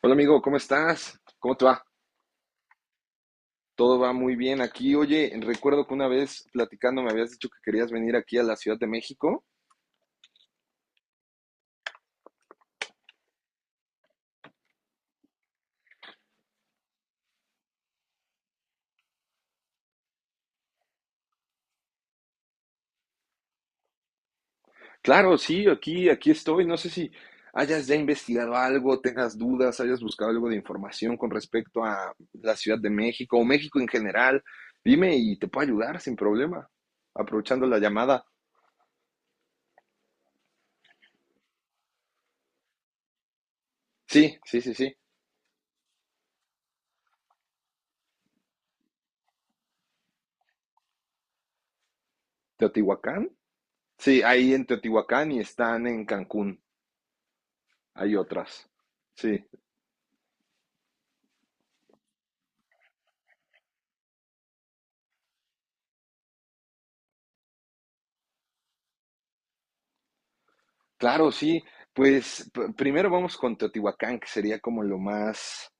Hola amigo, ¿cómo estás? ¿Cómo te va? Todo va muy bien aquí. Oye, recuerdo que una vez platicando me habías dicho que querías venir aquí a la Ciudad de México. Claro, sí, aquí estoy. No sé si hayas ya investigado algo, tengas dudas, hayas buscado algo de información con respecto a la Ciudad de México o México en general. Dime y te puedo ayudar sin problema. Aprovechando la llamada. Sí, sí, sí, sí. ¿Teotihuacán? Sí, ahí en Teotihuacán y están en Cancún. Hay otras. Sí. Claro, sí. Pues primero vamos con Teotihuacán, que sería como lo más,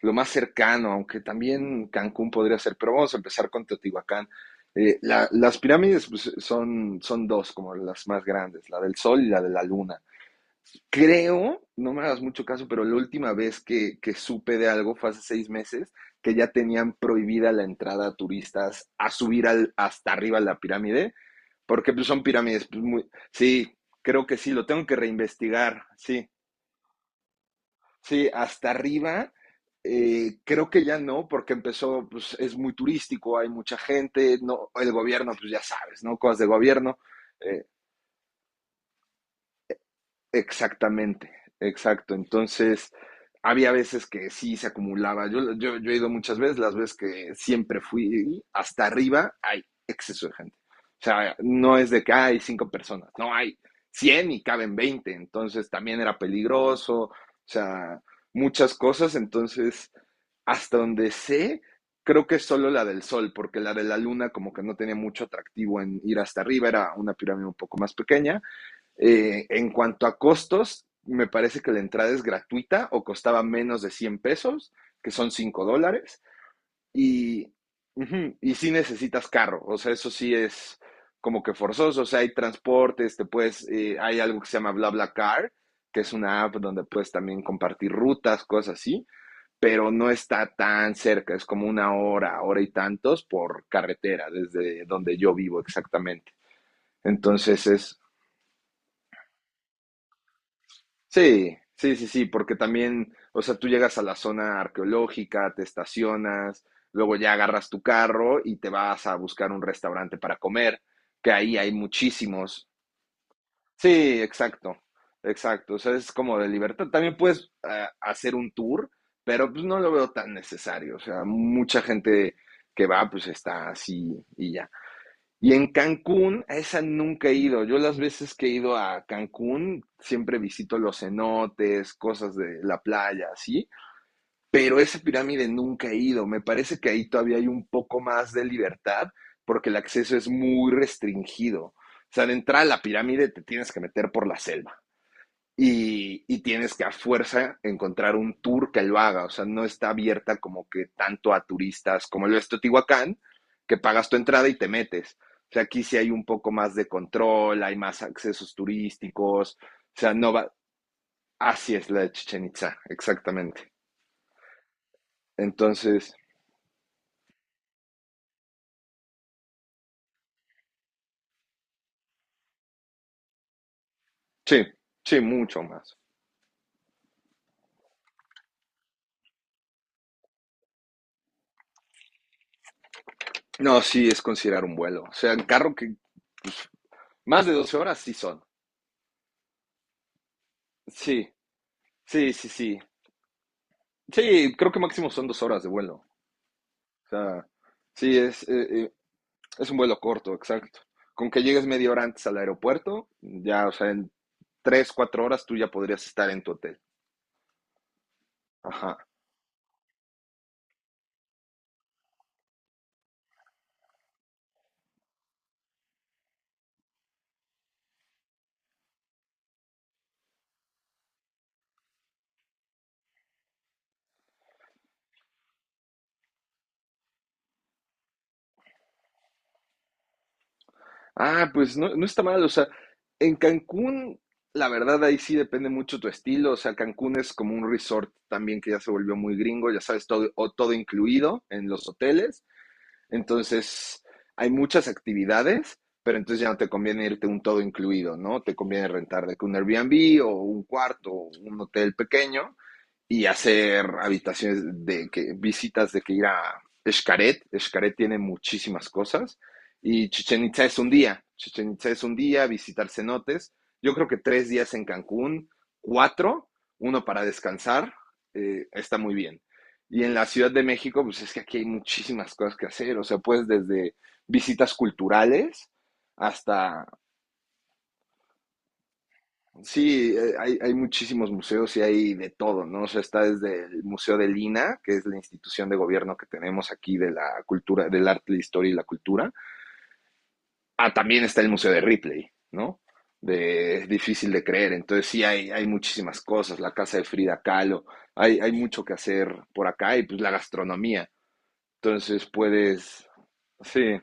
lo más cercano, aunque también Cancún podría ser, pero vamos a empezar con Teotihuacán. Las pirámides, pues, son dos, como las más grandes, la del Sol y la de la Luna. Creo, no me hagas mucho caso, pero la última vez que supe de algo fue hace 6 meses, que ya tenían prohibida la entrada a turistas a subir hasta arriba a la pirámide, porque, pues, son pirámides, pues, muy... Sí, creo que sí, lo tengo que reinvestigar. Sí, sí, hasta arriba. Creo que ya no, porque empezó, pues, es muy turístico, hay mucha gente, no, el gobierno, pues, ya sabes, ¿no? Cosas de gobierno. eh, Exactamente, exacto. Entonces, había veces que sí se acumulaba. Yo he ido muchas veces, las veces que siempre fui hasta arriba, hay exceso de gente. O sea, no es de que hay cinco personas, no hay 100 y caben 20. Entonces, también era peligroso, o sea, muchas cosas. Entonces, hasta donde sé, creo que es solo la del Sol, porque la de la Luna como que no tenía mucho atractivo en ir hasta arriba, era una pirámide un poco más pequeña. En cuanto a costos, me parece que la entrada es gratuita o costaba menos de 100 pesos, que son $5. Y, uh -huh, y sí necesitas carro, o sea, eso sí es como que forzoso. O sea, hay transportes, te puedes, hay algo que se llama BlaBlaCar, que es una app donde puedes también compartir rutas, cosas así, pero no está tan cerca, es como una hora, hora y tantos por carretera, desde donde yo vivo exactamente. Entonces es... Sí, sí, sí, sí, porque también, o sea, tú llegas a la zona arqueológica, te estacionas, luego ya agarras tu carro y te vas a buscar un restaurante para comer, que ahí hay muchísimos. Sí, exacto, exacto, o sea, es como de libertad. También puedes, hacer un tour, pero, pues, no lo veo tan necesario, o sea, mucha gente que va, pues, está así y ya. Y en Cancún, a esa nunca he ido. Yo las veces que he ido a Cancún, siempre visito los cenotes, cosas de la playa, así. Pero esa pirámide nunca he ido. Me parece que ahí todavía hay un poco más de libertad porque el acceso es muy restringido. O sea, de entrada a la pirámide te tienes que meter por la selva. Y tienes que a fuerza encontrar un tour que lo haga, o sea, no está abierta como que tanto a turistas como lo es Teotihuacán, que pagas tu entrada y te metes. O sea, aquí sí hay un poco más de control, hay más accesos turísticos, o sea, no va, así es la de Chichen Itzá exactamente. Entonces, sí, sí, mucho más. No, sí, es considerar un vuelo, o sea, en carro que más de 12 horas sí son. Sí, sí, sí, sí, sí, creo que máximo son 2 horas de vuelo. O sea, sí, es un vuelo corto, exacto. Con que llegues media hora antes al aeropuerto, ya, o sea, en 3, 4 horas tú ya podrías estar en tu hotel. Ajá. Ah, pues, no, no está mal, o sea, en Cancún, la verdad ahí sí depende mucho tu estilo, o sea, Cancún es como un resort también que ya se volvió muy gringo, ya sabes, todo, o todo incluido en los hoteles. Entonces, hay muchas actividades, pero entonces ya no te conviene irte un todo incluido, ¿no? Te conviene rentar de que un Airbnb o un cuarto o un hotel pequeño y hacer habitaciones de que visitas de que ir a Xcaret. Xcaret tiene muchísimas cosas y Chichén Itzá es un día. Chichén Itzá es un día, visitar cenotes. Yo creo que 3 días en Cancún, cuatro, uno para descansar, está muy bien. Y en la Ciudad de México, pues, es que aquí hay muchísimas cosas que hacer. O sea, pues, desde visitas culturales hasta, sí, hay muchísimos museos y hay de todo, ¿no? O sea, está desde el Museo de Lina, que es la institución de gobierno que tenemos aquí de la cultura, del arte, la historia y la cultura, ah, también está el Museo de Ripley, ¿no? De, es difícil de creer, entonces sí hay muchísimas cosas, la casa de Frida Kahlo, hay mucho que hacer por acá y, pues, la gastronomía, entonces puedes, sí.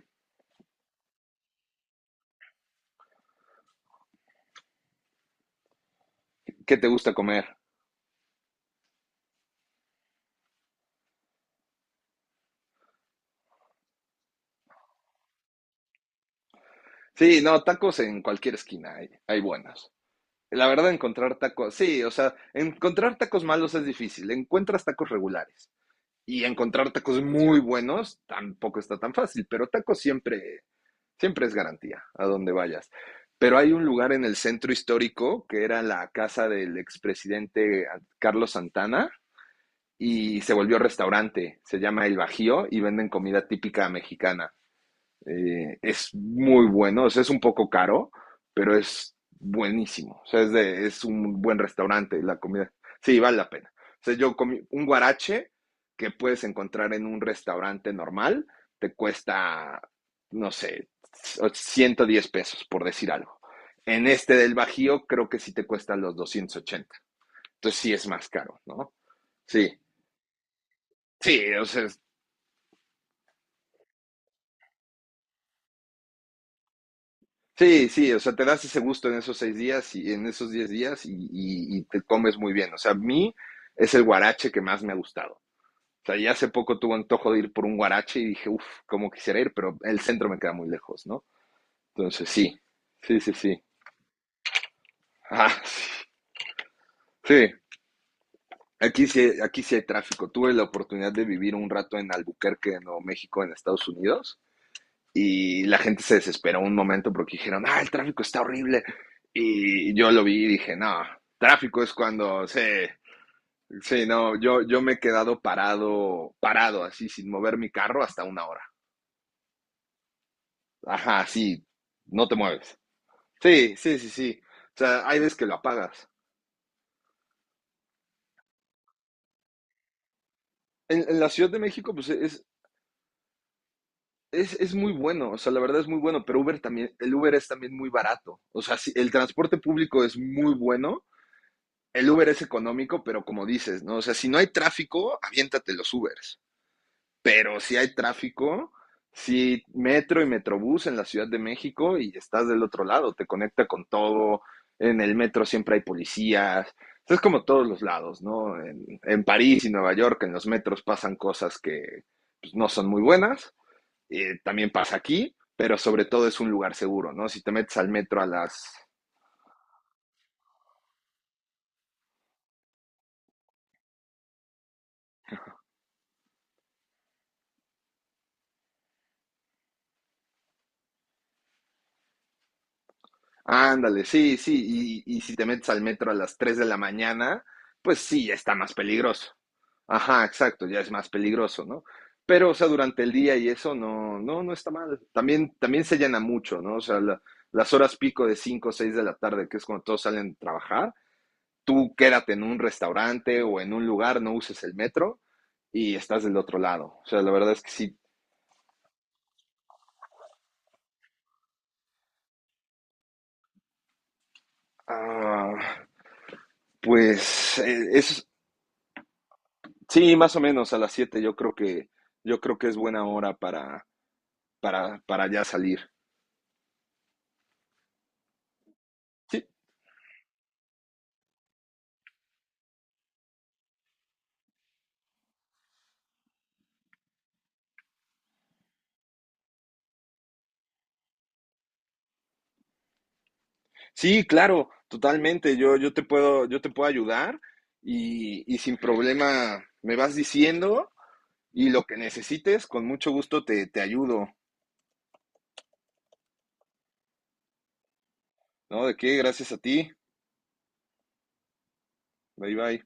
¿Qué te gusta comer? Sí, no, tacos en cualquier esquina hay buenos. La verdad, encontrar tacos, sí, o sea, encontrar tacos malos es difícil, encuentras tacos regulares y encontrar tacos muy buenos tampoco está tan fácil, pero tacos siempre es garantía a donde vayas. Pero hay un lugar en el centro histórico que era la casa del expresidente Carlos Santana y se volvió restaurante, se llama El Bajío y venden comida típica mexicana. Es muy bueno, o sea, es un poco caro, pero es buenísimo. O sea, es un buen restaurante la comida. Sí, vale la pena. O sea, yo comí un guarache que puedes encontrar en un restaurante normal, te cuesta, no sé, 110 pesos, por decir algo. En este del Bajío, creo que sí te cuesta los 280. Entonces sí es más caro, ¿no? Sí, sí, o sea, sí, sí, o sea, te das ese gusto en esos 6 días y en esos 10 días y, y te comes muy bien. O sea, a mí es el guarache que más me ha gustado. O sea, ya hace poco tuve antojo de ir por un guarache y dije, uff, cómo quisiera ir, pero el centro me queda muy lejos, ¿no? Entonces, sí, sí, sí, sí. Ah, sí. Sí, aquí sí, aquí sí hay tráfico. Tuve la oportunidad de vivir un rato en Albuquerque, en Nuevo México, en Estados Unidos. Y la gente se desesperó un momento porque dijeron, ah, el tráfico está horrible. Y yo lo vi y dije, no, tráfico es cuando se... Sí, no, yo me he quedado parado, parado, así, sin mover mi carro hasta 1 hora. Ajá, sí, no te mueves. Sí, sí, sí, sí. O sea, hay veces que lo apagas. En la Ciudad de México, pues, es muy bueno, o sea, la verdad es muy bueno, pero Uber también, el Uber es también muy barato. O sea, sí, el transporte público es muy bueno, el Uber es económico, pero como dices, ¿no? O sea, si no hay tráfico, aviéntate los Ubers. Pero si hay tráfico, si metro y metrobús en la Ciudad de México y estás del otro lado, te conecta con todo. En el metro siempre hay policías. Es como todos los lados, ¿no? En París y Nueva York, en los metros pasan cosas que, pues, no son muy buenas. También pasa aquí, pero sobre todo es un lugar seguro, ¿no? Si te metes al metro a las... Ándale, sí, sí, y si te metes al metro a las 3 de la mañana, pues, sí, ya está más peligroso. Ajá, exacto, ya es más peligroso, ¿no? Pero, o sea, durante el día y eso no, no, no está mal. También se llena mucho, ¿no? O sea, las horas pico de 5 o 6 de la tarde, que es cuando todos salen a trabajar, tú quédate en un restaurante o en un lugar, no uses el metro y estás del otro lado. O sea, la verdad es que sí, ah, pues es... Sí, más o menos a las 7. Yo creo que es buena hora para ya salir. Sí, sí, claro, totalmente. Yo te puedo ayudar y sin problema me vas diciendo y lo que necesites con mucho gusto te ayudo, ¿no? De qué, gracias a ti. Bye bye.